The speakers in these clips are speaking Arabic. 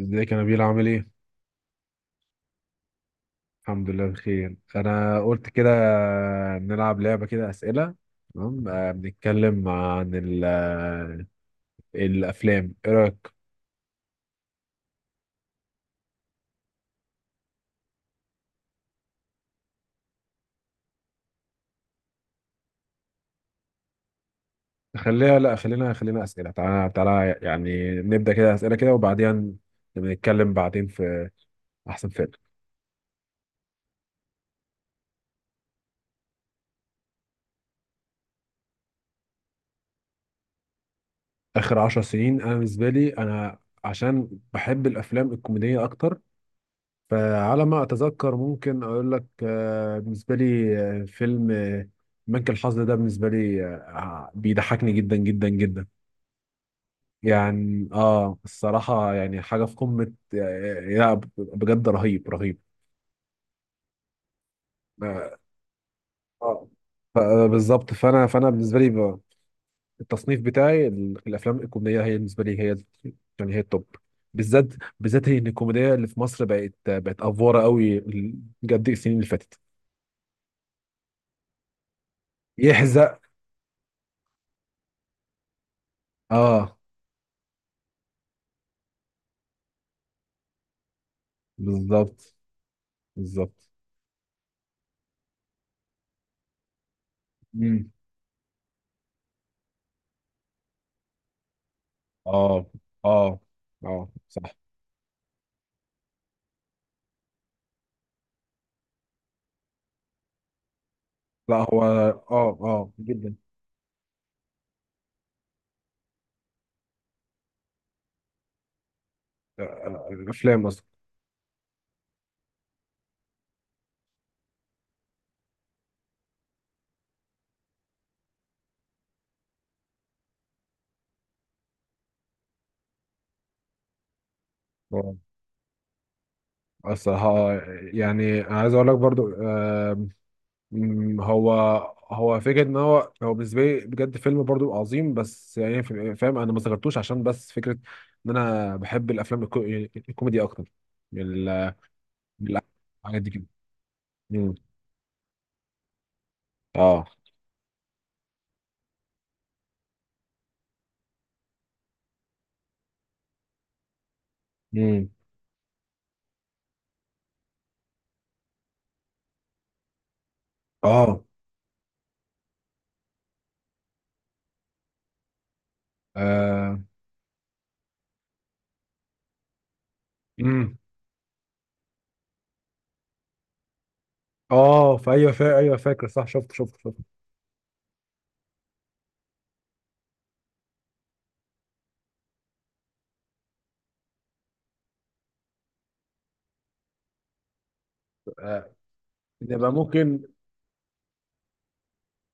ازيك يا نبيل عامل ايه؟ الحمد لله بخير، انا قلت كده نلعب لعبة كده اسئلة. تمام، بنتكلم عن الافلام، ايه رأيك؟ خليها، لا، خلينا اسئلة، تعالى يعني نبدأ كده اسئلة كده وبعدين بنتكلم بعدين في احسن فيلم. اخر عشر سنين، انا بالنسبة لي انا عشان بحب الافلام الكوميدية اكتر، فعلى ما أتذكر ممكن أقول لك، بالنسبة لي فيلم بنك الحظ ده بالنسبة لي، بيضحكني جدا جدا جدا. يعني الصراحة يعني حاجة في قمة، لا بجد رهيب رهيب. آه. آه. بالظبط، فأنا بالنسبة لي التصنيف بتاعي الأفلام الكوميدية هي بالنسبة لي هي يعني هي التوب، بالذات بالذات إن الكوميديا اللي في مصر بقت أفورة قوي بجد السنين اللي فاتت يحزق. آه، بالظبط. بالظبط. امم. اه. اه. اه، صح. لا، هو اه. اه جدا. افلام اصلا. اه الصراحه. يعني انا عايز اقول لك برضو، آم، مم، هو هو فكره ان هو بالنسبه لي بجد فيلم برضو عظيم، بس يعني فاهم انا ما ذكرتوش عشان بس فكره ان انا بحب الافلام يعني الكوميدي اكتر من ال- من الحاجات دي كده. مم. اه. مم. اه. آه. مم. اه في ايوه ايوه فاكر صح، شفت شفت. آه. نبقى ممكن،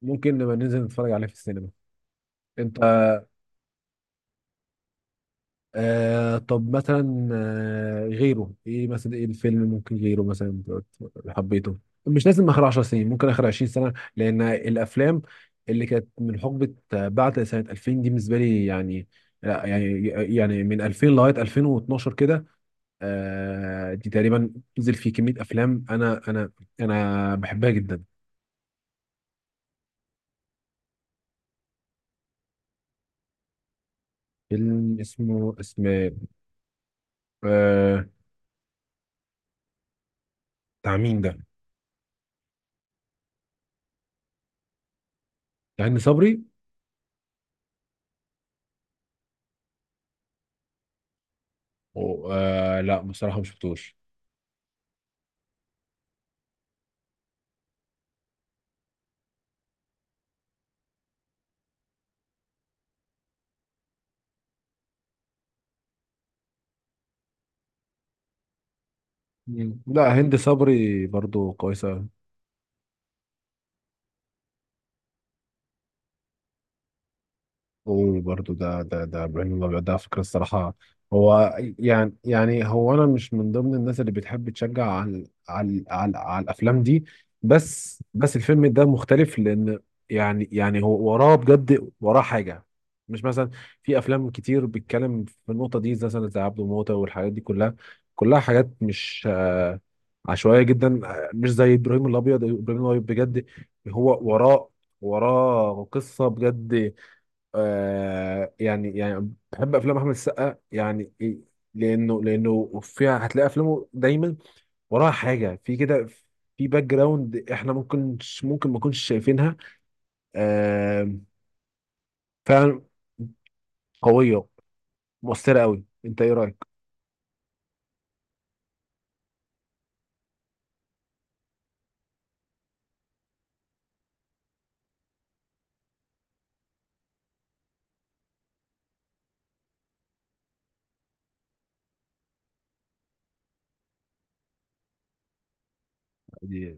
ممكن نبقى ننزل نتفرج عليه في السينما انت. آه طب مثلا آه غيره ايه مثلا، ايه الفيلم ممكن غيره مثلا حبيته؟ مش لازم اخر 10 سنين، ممكن اخر 20 سنه، لان الافلام اللي كانت من حقبه بعد سنه 2000 دي بالنسبه لي يعني، لا يعني يعني من 2000 لغايه 2012 كده، آه دي تقريبا نزل فيه كميه افلام انا انا بحبها جدا. فيلم اسمه اسم آه، بتاع مين ده؟ بتاع هند صبري؟ لا بصراحة ما شفتوش. مم. لا هند صبري برضو كويسة. وبرضه ده ابراهيم الابيض ده على فكره الصراحه هو يعني يعني هو انا مش من ضمن الناس اللي بتحب تشجع على على الافلام دي، بس بس الفيلم ده مختلف لان يعني يعني هو وراه بجد وراه حاجه، مش مثلا في افلام كتير بتتكلم في النقطه دي زي مثلا زي عبده موته والحاجات دي كلها، كلها حاجات مش عشوائيه جدا مش زي ابراهيم الابيض. ابراهيم الابيض بجد هو وراه وراه قصة بجد. آه يعني يعني بحب افلام احمد السقا يعني لانه لانه فيها هتلاقي افلامه دايما وراها حاجه في كده، في باك جراوند احنا ممكن ممكن ما كناش شايفينها. آه. فعلا قويه، مؤثره قوي. انت ايه رايك؟ دي-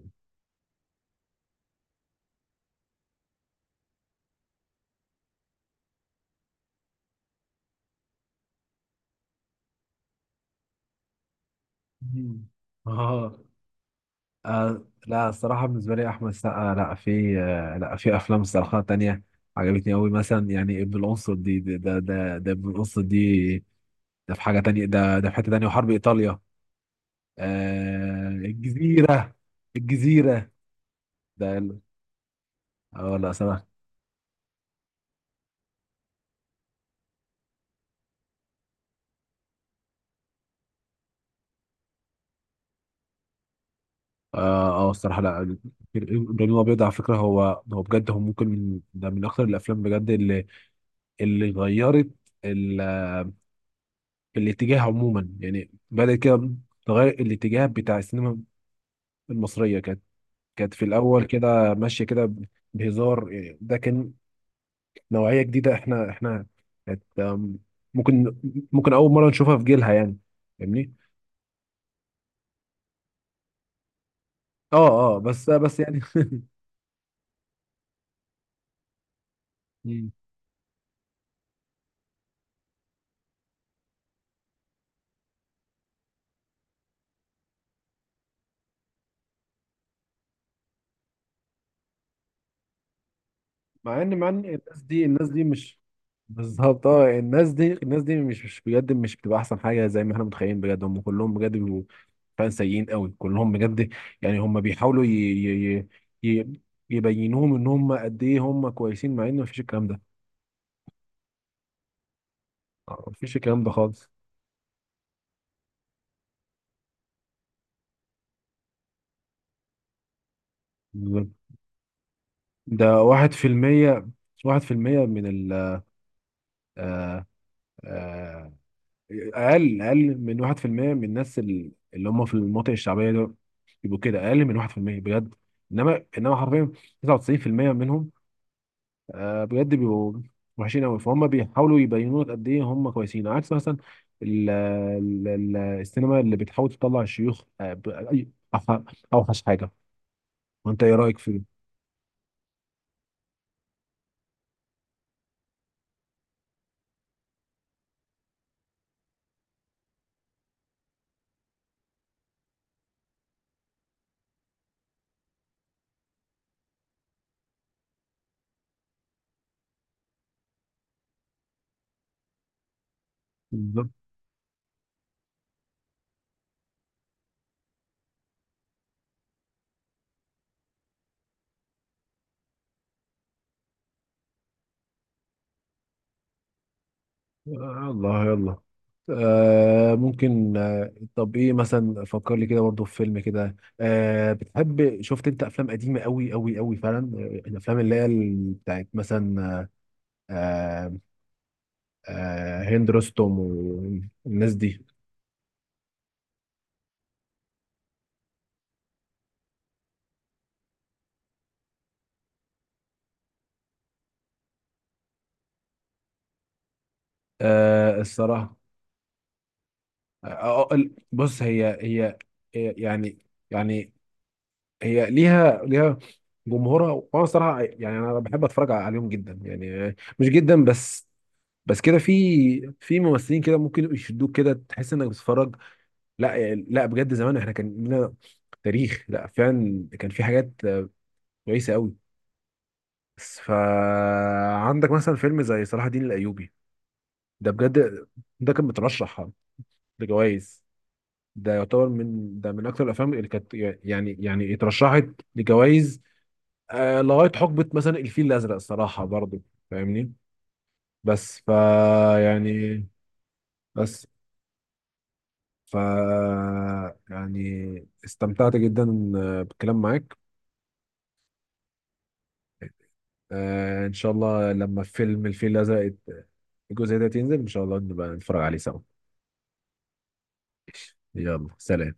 مم. آه. آه. لا الصراحة بالنسبة لي أحمد السقا، لا في لا في أفلام الصراحة تانية عجبتني أوي مثلا. يعني ابن الأنصر دي، ده ابن الأنصر دي ده في حاجة تانية، ده ده في حتة تانية. وحرب إيطاليا. آه، الجزيرة. الجزيرة. ده ال- اه لا صراحة. اه اه الصراحة لا، إبراهيم الأبيض على فكرة هو هو بجد هو ممكن من أكثر الأفلام بجد اللي اللي غيرت ال... الاتجاه عموما، يعني بدأت كده تغير الاتجاه بتاع السينما المصرية. كانت كانت في الأول كده ماشية كده بهزار، يعني ده كان نوعية جديدة، احنا ات- أم، ممكن ممكن أول مرة نشوفها في جيلها يعني. فاهمني؟ اه. اه بس بس يعني مم. مع ان الناس دي مش، بالظبط. اه الناس دي الناس دي مش مش بجد مش بتبقى احسن حاجه زي ما احنا متخيلين، بجد هم كلهم بجد بيبقوا فعلا سيئين قوي كلهم بجد. يعني هم بيحاولوا ي... ي- يبينوهم ان هم قد ايه هم كويسين، مع ان مفيش الكلام ده. مفيش الكلام ده خالص. بالظبط. ده واحد في المية. واحد في المية من ال آه، آه، اقل، اقل من 1% من الناس اللي هم في المناطق الشعبيه دول يبقوا كده اقل من 1% بجد. انما انما حرفيا 99% منهم بجد بيبقوا وحشين قوي. فهم بيحاولوا يبينوا لك قد ايه هم كويسين، عكس مثلا السينما اللي بتحاول تطلع الشيوخ أوح- اوحش حاجه. وانت ايه رايك في؟ بالظبط. يلا يلا. آه ممكن. آه طب ايه مثلا، فكر لي كده برضه في فيلم كده، آه بتحب، شفت انت افلام قديمه قوي قوي قوي فعلا، الافلام اللي هي بتاعت مثلا آه، آه هند رستم والناس دي. آه الصراحه بص هي هي هي يعني يعني هي ليها ليها جمهورها، وانا صراحه يعني انا بحب اتفرج عليهم جدا، يعني مش جدا بس، بس كده في في ممثلين كده ممكن يشدوك كده تحس انك بتتفرج. لا يعني لا بجد زمان احنا كان لنا تاريخ، لا فعلا كان في حاجات كويسه قوي. بس فعندك مثلا فيلم زي صلاح الدين الايوبي ده بجد ده كان مترشح لجوائز، ده يعتبر من ده من اكثر الافلام اللي كانت يعني يعني اترشحت لجوائز. آه لغايه حقبه مثلا الفيل الازرق الصراحه برضه. فاهمني؟ بس فا يعني بس فا يعني استمتعت جدا بالكلام معاك. ان شاء الله لما فيلم الفيل الازرق الجزء ده ينزل ان شاء الله نبقى نتفرج عليه سوا. يلا سلام.